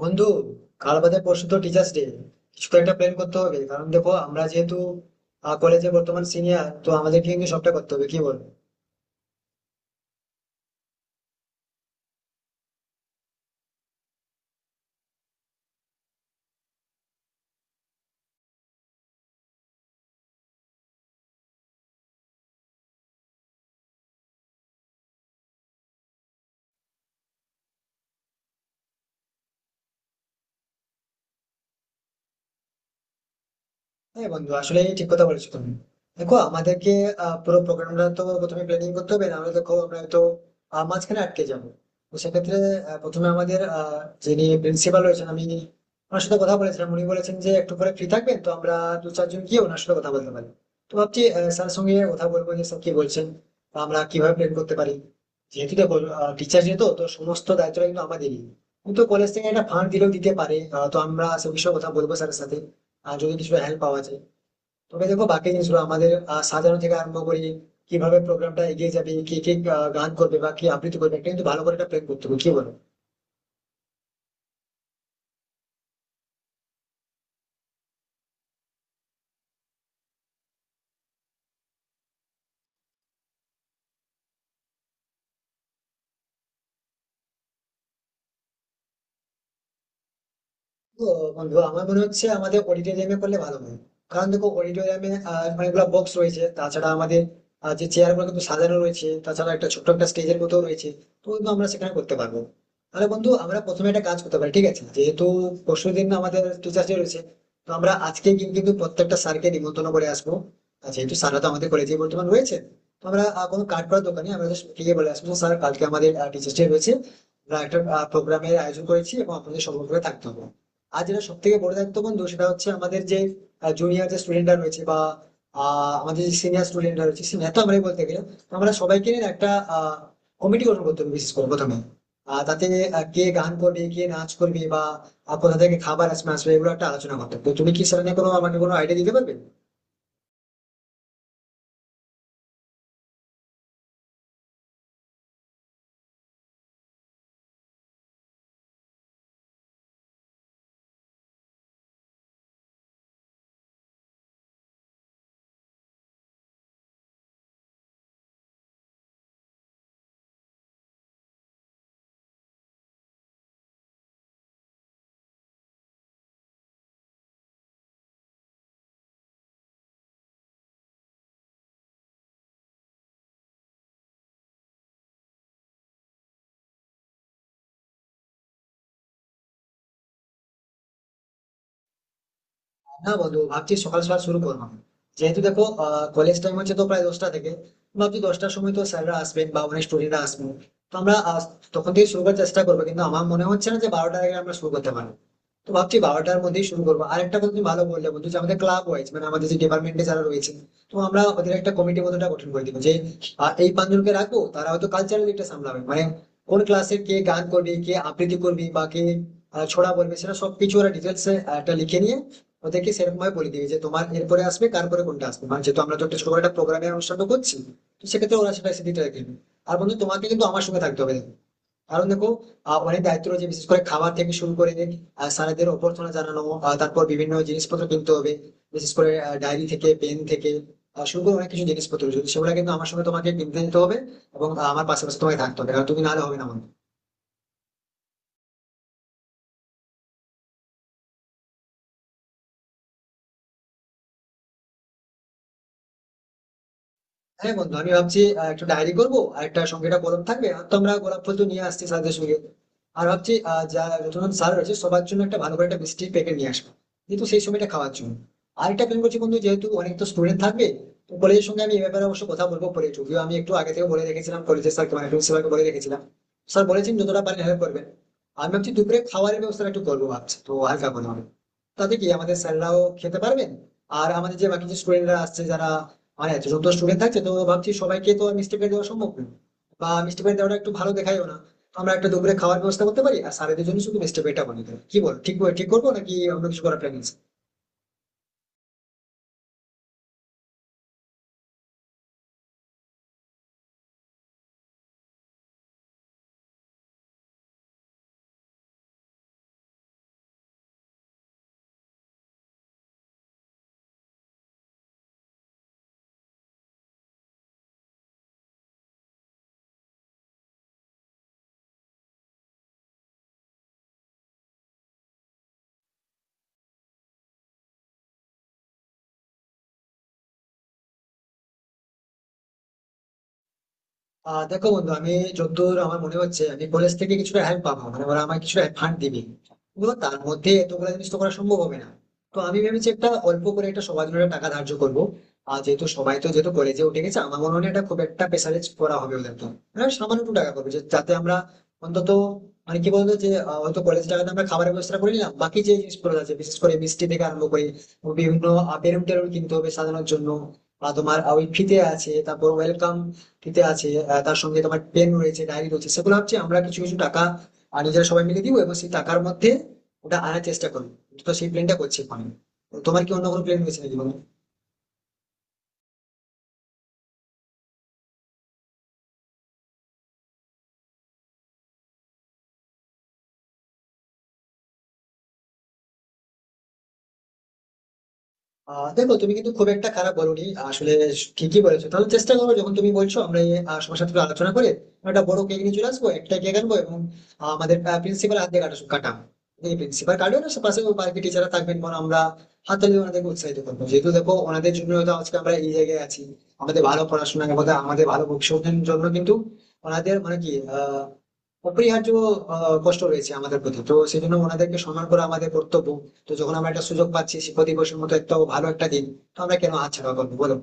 বন্ধু, কাল বাদে পরশু তো টিচার্স ডে। কিছু তো একটা প্ল্যান করতে হবে, কারণ দেখো আমরা যেহেতু কলেজে বর্তমান সিনিয়র, তো আমাদেরকে কিন্তু সবটা করতে হবে, কি বল? হ্যাঁ বন্ধু, আসলে ঠিক কথা বলেছো তুমি। দেখো আমাদেরকে পুরো প্রোগ্রামটা তো প্রথমে প্ল্যানিং করতে হবে, নাহলে দেখো আমরা তো মাঝখানে আটকে যাবো। তো সেক্ষেত্রে প্রথমে আমাদের যিনি প্রিন্সিপাল রয়েছেন, আমি ওনার সাথে কথা বলেছিলাম, উনি বলেছেন যে একটু পরে ফ্রি থাকবেন, তো আমরা দু চারজন গিয়ে ওনার সাথে কথা বলতে পারি। তো ভাবছি স্যার সঙ্গে কথা বলবো যে স্যার কি বলছেন বা আমরা কিভাবে প্ল্যান করতে পারি। যেহেতু দেখো টিচার যেহেতু, তো সমস্ত দায়িত্বটা কিন্তু আমাদেরই, কিন্তু কলেজ থেকে একটা ফান্ড দিলেও দিতে পারে। তো আমরা সে বিষয়ে কথা বলবো স্যারের সাথে। যদি কিছু হেল্প পাওয়া যায়, তবে দেখো বাকি জিনিসগুলো আমাদের সাজানো থেকে আরম্ভ করে কিভাবে প্রোগ্রামটা এগিয়ে যাবে, কে কে গান করবে বা কি আবৃত্তি করবে, এটা কিন্তু ভালো করে একটা প্ল্যান করতে হবে, কি বলো? তো বন্ধু, আমার মনে হচ্ছে আমাদের অডিটোরিয়ামে করলে ভালো হয়, কারণ দেখো অডিটোরিয়ামে অনেকগুলো বক্স রয়েছে, তাছাড়া আমাদের যে চেয়ার গুলো কিন্তু সাজানো রয়েছে, তাছাড়া একটা ছোট্ট একটা স্টেজের মতো রয়েছে, তো কিন্তু আমরা সেখানে করতে পারবো। তাহলে বন্ধু, আমরা প্রথমে একটা কাজ করতে পারি, ঠিক আছে? যেহেতু পরশু দিন আমাদের টিচার্স ডে রয়েছে, তো আমরা আজকে কিন্তু কিন্তু প্রত্যেকটা স্যারকে নিমন্ত্রণ করে আসবো। আর যেহেতু স্যাররা তো আমাদের কলেজে বর্তমান রয়েছে, তো আমরা কোনো কার্ড করার দোকানে আমরা just গিয়ে বলে আসবো, স্যার কালকে আমাদের টিচার্স ডে রয়েছে, আমরা একটা প্রোগ্রামের আয়োজন করেছি এবং আপনাদের সকলকে থাকতে হবে। আর যেটা সব থেকে বড় দায়িত্ব বন্ধু, সেটা হচ্ছে আমাদের যে জুনিয়র যে স্টুডেন্টরা রয়েছে বা আমাদের যে সিনিয়র স্টুডেন্টরা রয়েছে, সিনিয়র তো আমরাই বলতে গেলে। তো আমরা সবাইকে নিয়ে একটা কমিটি গঠন করতে হবে বিশেষ করে প্রথমে। তাতে কে গান করবে, কে নাচ করবে বা কোথা থেকে খাবার আসবে আসবে এগুলো একটা আলোচনা করতে হবে। তো তুমি কি সেটা নিয়ে কোনো আমাকে কোনো আইডিয়া দিতে পারবে? না বন্ধু, ভাবছি সকাল সকাল শুরু করবো। যেহেতু দেখো কলেজ টাইম হচ্ছে তো প্রায় 10টা থেকে, ভাবছি 10টার সময় তো স্যাররা আসবেন বা অনেক স্টুডেন্টরা আসবেন। তো আমরা তখন থেকে শুরু করার চেষ্টা করবো, কিন্তু আমার মনে হচ্ছে না যে 12টার আগে আমরা শুরু করতে পারবো। তো ভাবছি 12টার মধ্যেই শুরু করবো। আর একটা কথা তুমি ভালো বললে বন্ধু, যে আমাদের ক্লাব ওয়াইজ, মানে আমাদের যে ডিপার্টমেন্টে যারা রয়েছে, তো আমরা ওদের একটা কমিটি মতোটা গঠন করে দিব, যে এই 5 জনকে রাখবো, তারা হয়তো কালচারাল দিকটা সামলাবে। মানে কোন ক্লাসে কে গান করবে, কে আবৃত্তি করবে বা কে ছড়া বলবে, সেটা সবকিছু ওরা ডিটেলস একটা লিখে নিয়ে ওদেরকে সেরকম ভাবে বলে দিবি যে তোমার এরপরে আসবে, তারপরে কোনটা আসবে। মানে যেহেতু আমরা তো একটা ছোট করে একটা প্রোগ্রামের অনুষ্ঠানটা করছি, তো সেক্ষেত্রে ওরা সেটা সেদিকটা রেখে নেবে। আর বন্ধু, তোমাকে কিন্তু আমার সঙ্গে থাকতে হবে, কারণ দেখো অনেক দায়িত্ব রয়েছে, বিশেষ করে খাবার থেকে শুরু করে স্যারেদের অভ্যর্থনা জানানো, তারপর বিভিন্ন জিনিসপত্র কিনতে হবে, বিশেষ করে ডায়েরি থেকে পেন থেকে শুরু করে অনেক কিছু জিনিসপত্র রয়েছে, সেগুলো কিন্তু আমার সঙ্গে তোমাকে কিনতে যেতে হবে। এবং আমার পাশাপাশি তোমাকে থাকতে হবে, কারণ তুমি নাহলে হবে না আমার। হ্যাঁ বন্ধু, আমি ভাবছি একটা ডায়েরি করবো আর একটা সঙ্গে একটা কলম থাকবে, আর তো আমরা গোলাপ ফুল তো নিয়ে আসছি স্যারদের সঙ্গে। আর ভাবছি যা যতজন স্যার রয়েছে সবার জন্য একটা ভালো করে একটা মিষ্টির প্যাকেট নিয়ে আসবো, কিন্তু সেই সময়টা খাওয়ার জন্য। আর একটা প্ল্যান করছি বন্ধু, যেহেতু অনেক তো স্টুডেন্ট থাকবে, তো কলেজের সঙ্গে আমি এ ব্যাপারে অবশ্য কথা বলবো পরে, যদিও আমি একটু আগে থেকে বলে রেখেছিলাম কলেজের স্যারকে, মানে প্রিন্সিপালকে বলে রেখেছিলাম। স্যার বলেছেন যতটা পারেন হেল্প করবেন। আমি ভাবছি দুপুরে খাবারের ব্যবস্থা একটু করবো, ভাবছি তো হালকা করে হবে, তাতে কি আমাদের স্যাররাও খেতে পারবেন। আর আমাদের যে বাকি যে স্টুডেন্টরা আসছে যারা, মানে এতজন তো স্টুডেন্ট থাকছে, তো ভাবছি সবাইকে তো মিষ্টি প্যাকেট দেওয়া সম্ভব না, বা মিষ্টি প্যাকেট দেওয়াটা একটু ভালো দেখাইও না। তো আমরা একটা দুপুরে খাওয়ার ব্যবস্থা করতে পারি, আর স্যারেদের জন্য শুধু মিষ্টি প্যাকেটটা বানিয়ে দেবো, কি বল? ঠিক ঠিক করবো নাকি আমরা কিছু করার প্ল্যান? আহ দেখো বন্ধু, আমি যতদূর আমার মনে হচ্ছে, আমি কলেজ থেকে কিছুটা হেল্প পাবো, মানে ওরা আমাকে কিছুটা ফান্ড দিবে, কিন্তু তার মধ্যে এতগুলো জিনিস তো করা সম্ভব হবে না। তো আমি ভেবেছি একটা অল্প করে একটা সবার জন্য একটা টাকা ধার্য করবো। আর যেহেতু সবাই তো যেহেতু কলেজে উঠে গেছে, আমার মনে হয় না এটা খুব একটা প্রেসারাইজ করা হবে ওদের তো। হ্যাঁ, সামান্য একটু টাকা করবো যাতে আমরা অন্তত মানে কি বলতো যে হয়তো কলেজ টাকাতে আমরা খাবারের ব্যবস্থা করে নিলাম, বাকি যে জিনিসগুলো আছে বিশেষ করে মিষ্টি থেকে আরম্ভ করে বিভিন্ন বেলুন টেলুন কিনতে হবে সাজানোর জন্য, বা তোমার ওই ফিতে আছে, তারপর ওয়েলকাম টিতে আছে, তার সঙ্গে তোমার পেন রয়েছে, ডায়েরি রয়েছে, সেগুলো হচ্ছে আমরা কিছু কিছু টাকা নিজেরা সবাই মিলে দিব এবং সেই টাকার মধ্যে ওটা আনার চেষ্টা করবো। তো সেই প্ল্যানটা করছি এখন। তো তোমার কি অন্য কোনো প্ল্যান রয়েছে নাকি, বলো? আহ দেখো, তুমি কিন্তু খুব একটা খারাপ বলোনি, আসলে ঠিকই বলেছো। তাহলে চেষ্টা করো, যখন তুমি বলছো আমরা এই সবার সাথে একটু আলোচনা করে আমরা একটা বড় কেক নিয়ে চলে আসবো, একটা কেক আনবো এবং আমাদের প্রিন্সিপাল হাত দিয়ে কাটা কাটাম। এই প্রিন্সিপাল কাটবে না, সে পাশে বাকি টিচাররা থাকবেন, বরং আমরা হাতে দিয়ে ওনাদেরকে উৎসাহিত করবো, যেহেতু দেখো ওনাদের জন্য হয়তো আজকে আমরা এই জায়গায় আছি। আমাদের ভালো পড়াশোনা এবং আমাদের ভালো ভবিষ্যতের জন্য কিন্তু ওনাদের মানে কি আহ অপরিহার্য কষ্ট রয়েছে আমাদের প্রতি, তো সেই জন্য ওনাদেরকে সম্মান করা আমাদের কর্তব্য। তো যখন আমরা একটা সুযোগ পাচ্ছি শিক্ষক দিবসের মতো একটা ভালো একটা দিন, তো আমরা কেন হাতছাড়া করবো বলো?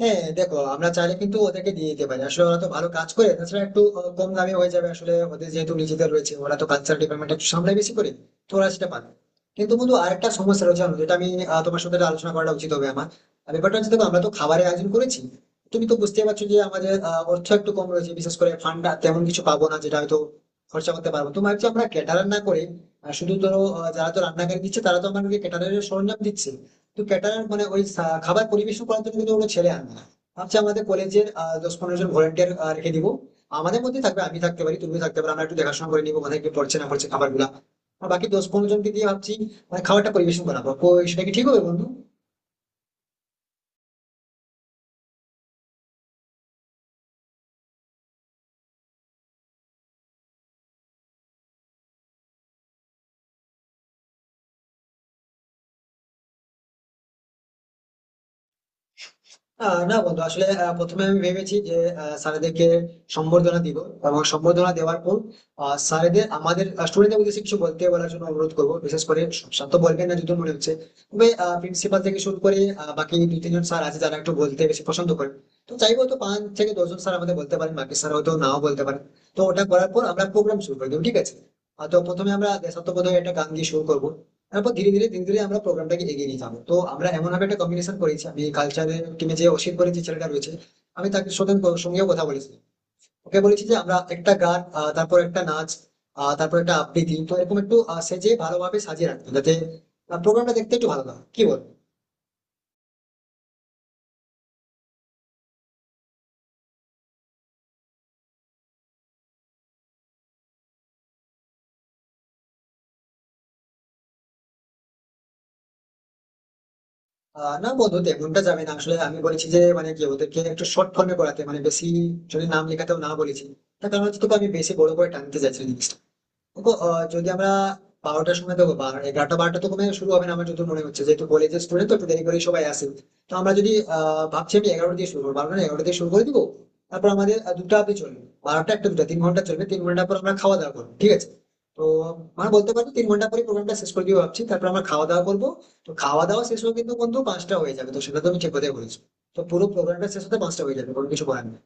হ্যাঁ হ্যাঁ, দেখো আমরা চাইলে কিন্তু ওদেরকে দিয়ে দিতে পারি, আসলে ওরা তো ভালো কাজ করে, তাছাড়া একটু কম দামে হয়ে যাবে, আসলে ওদের যেহেতু নিজেদের রয়েছে, ওরা তো কালচার ডিপার্টমেন্ট একটু সামলে বেশি করে, তো ওরা সেটা পারে। কিন্তু বন্ধু, আরেকটা সমস্যা রয়েছে জানো, যেটা আমি তোমার সাথে আলোচনা করাটা উচিত হবে আমার। আর ব্যাপারটা হচ্ছে, দেখো আমরা তো খাবারের আয়োজন করেছি, তুমি তো বুঝতে পারছো যে আমাদের অর্থ একটু কম রয়েছে, বিশেষ করে ফান্ড তেমন কিছু পাবো না যেটা হয়তো খরচা করতে পারবো তোমার, যে আমরা ক্যাটারার না করে শুধু ধরো যারা তো রান্নাকারী দিচ্ছে, তারা তো আমাদেরকে ক্যাটারের সরঞ্জাম দিচ্ছে, কিন্তু ক্যাটারার মানে ওই খাবার পরিবেশন করার জন্য কিন্তু কোনো ছেলে আনবে না। ভাবছি আমাদের কলেজের দশ পনেরো জন ভলেন্টিয়ার রেখে দিব, আমাদের মধ্যে থাকবে, আমি থাকতে পারি, তুমি থাকতে পারো, আমরা একটু দেখাশোনা করে নিবো কোথায় কি পড়ছে না পড়ছে খাবার গুলা। আর বাকি দশ পনেরো জনকে দিয়ে ভাবছি মানে খাবারটা পরিবেশন করাবো, সেটা কি ঠিক হবে বন্ধু? আহ না বন্ধু, আসলে প্রথমে আমি ভেবেছি যে স্যারেদেরকে সম্বর্ধনা দিব, এবং সম্বর্ধনা দেওয়ার পর স্যারেদের আমাদের স্টুডেন্টদের উদ্দেশ্যে কিছু বলতে বলার জন্য অনুরোধ করবো, বিশেষ করে স্যার তো বলবেন না যতদূর মনে হচ্ছে, তবে প্রিন্সিপাল থেকে শুরু করে বাকি দু তিনজন স্যার আছে যারা একটু বলতে বেশি পছন্দ করেন। তো চাইবো তো 5 থেকে 10 জন স্যার আমাদের বলতে পারেন, বাকি স্যার হয়তো নাও বলতে পারেন। তো ওটা করার পর আমরা প্রোগ্রাম শুরু করে দেবো, ঠিক আছে। তো প্রথমে আমরা দেশাত্মবোধক একটা গান দিয়ে শুরু করবো, তারপর ধীরে ধীরে আমরা প্রোগ্রামটাকে এগিয়ে নিয়ে যাবো। তো আমরা এমন ভাবে একটা কম্বিনেশন করেছি, আমি কালচারের টিমে যে অসিত বলে যে ছেলেটা রয়েছে, আমি তাকে সঙ্গেও কথা বলেছি। ওকে বলেছি যে আমরা একটা গান তারপর একটা নাচ, তারপর একটা আবৃত্তি, তো এরকম একটু সেজে ভালোভাবে সাজিয়ে রাখতো, যাতে প্রোগ্রামটা দেখতে একটু ভালো লাগে, কি বল? না বন্ধু, তেমনটা যাবে না, আসলে আমি বলেছি যে মানে কি ওদেরকে একটু শর্ট ফর্মে করাতে, মানে বেশি যদি নাম লেখাতেও না বলেছি। তার কারণ হচ্ছে তোকে আমি বেশি বড় করে টানতে চাইছি না জিনিসটা। দেখো যদি আমরা 12টার সময় দেখো 11টা 12টা তো কমে শুরু হবে না আমার যত মনে হচ্ছে, যেহেতু কলেজের স্টুডেন্ট তো একটু দেরি করে সবাই আসে। তো আমরা যদি ভাবছি আমি 11টা দিয়ে শুরু করবো, 12টা না 11টা দিয়ে শুরু করে দিবো। তারপর আমাদের 2টো অব্দি চলবে, 12টা 1টা 2টো 3 ঘন্টা চলবে, 3 ঘন্টা পর আমরা খাওয়া দাওয়া করবো, ঠিক আছে? তো মানে বলতে পারবো 3 ঘন্টা পরে প্রোগ্রামটা শেষ করে দিবো ভাবছি, তারপর আমরা খাওয়া দাওয়া করবো। তো খাওয়া দাওয়া শেষ হয়ে কিন্তু বন্ধু 5টা হয়ে যাবে, তো সেটা তো আমি ঠিক কথাই বলেছি। তো পুরো প্রোগ্রামটা শেষ হতে 5টা হয়ে যাবে, কোনো কিছু করার নেই।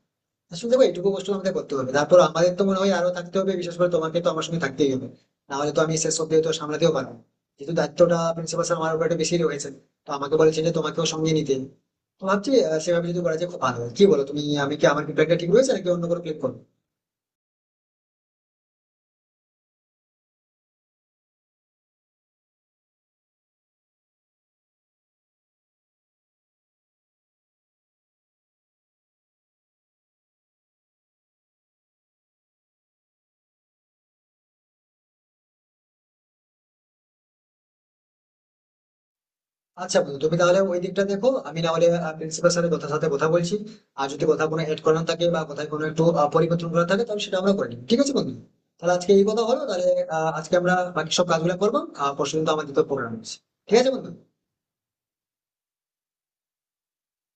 আসলে দেখো এইটুকু কষ্ট আমাদের করতে হবে, তারপর আমাদের তো মনে হয় আরো থাকতে হবে, বিশেষ করে তোমাকে তো আমার সঙ্গে থাকতেই হবে, নাহলে তো আমি শেষ অব্দি তো সামলাতেও পারবো না। যেহেতু দায়িত্বটা প্রিন্সিপাল স্যার আমার উপর একটু বেশি রয়েছে, তো আমাকে বলেছে যে তোমাকেও সঙ্গে নিতে। তো ভাবছি সেভাবে যদি করা যায় খুব ভালো হয়। কি বলো তুমি, আমি কি আমার প্রিপেয়ারটা ঠিক রয়েছে নাকি অন্য কোনো ক্লিক করবো? আচ্ছা বন্ধু, তুমি তাহলে ওই দিকটা দেখো, আমি না হলে প্রিন্সিপাল স্যারের সাথে কথা বলছি। আর যদি কোথাও কোনো এড করানো থাকে বা কোথায় কোনো একটু পরিবর্তন করা থাকে, তাহলে সেটা আমরা করে নিই, ঠিক আছে বন্ধু? তাহলে আজকে এই কথা হলো তাহলে। আজকে আমরা বাকি সব কাজগুলো করবো, আর পরশু কিন্তু আমাদের তো প্রোগ্রাম আছে। ঠিক আছে বন্ধু।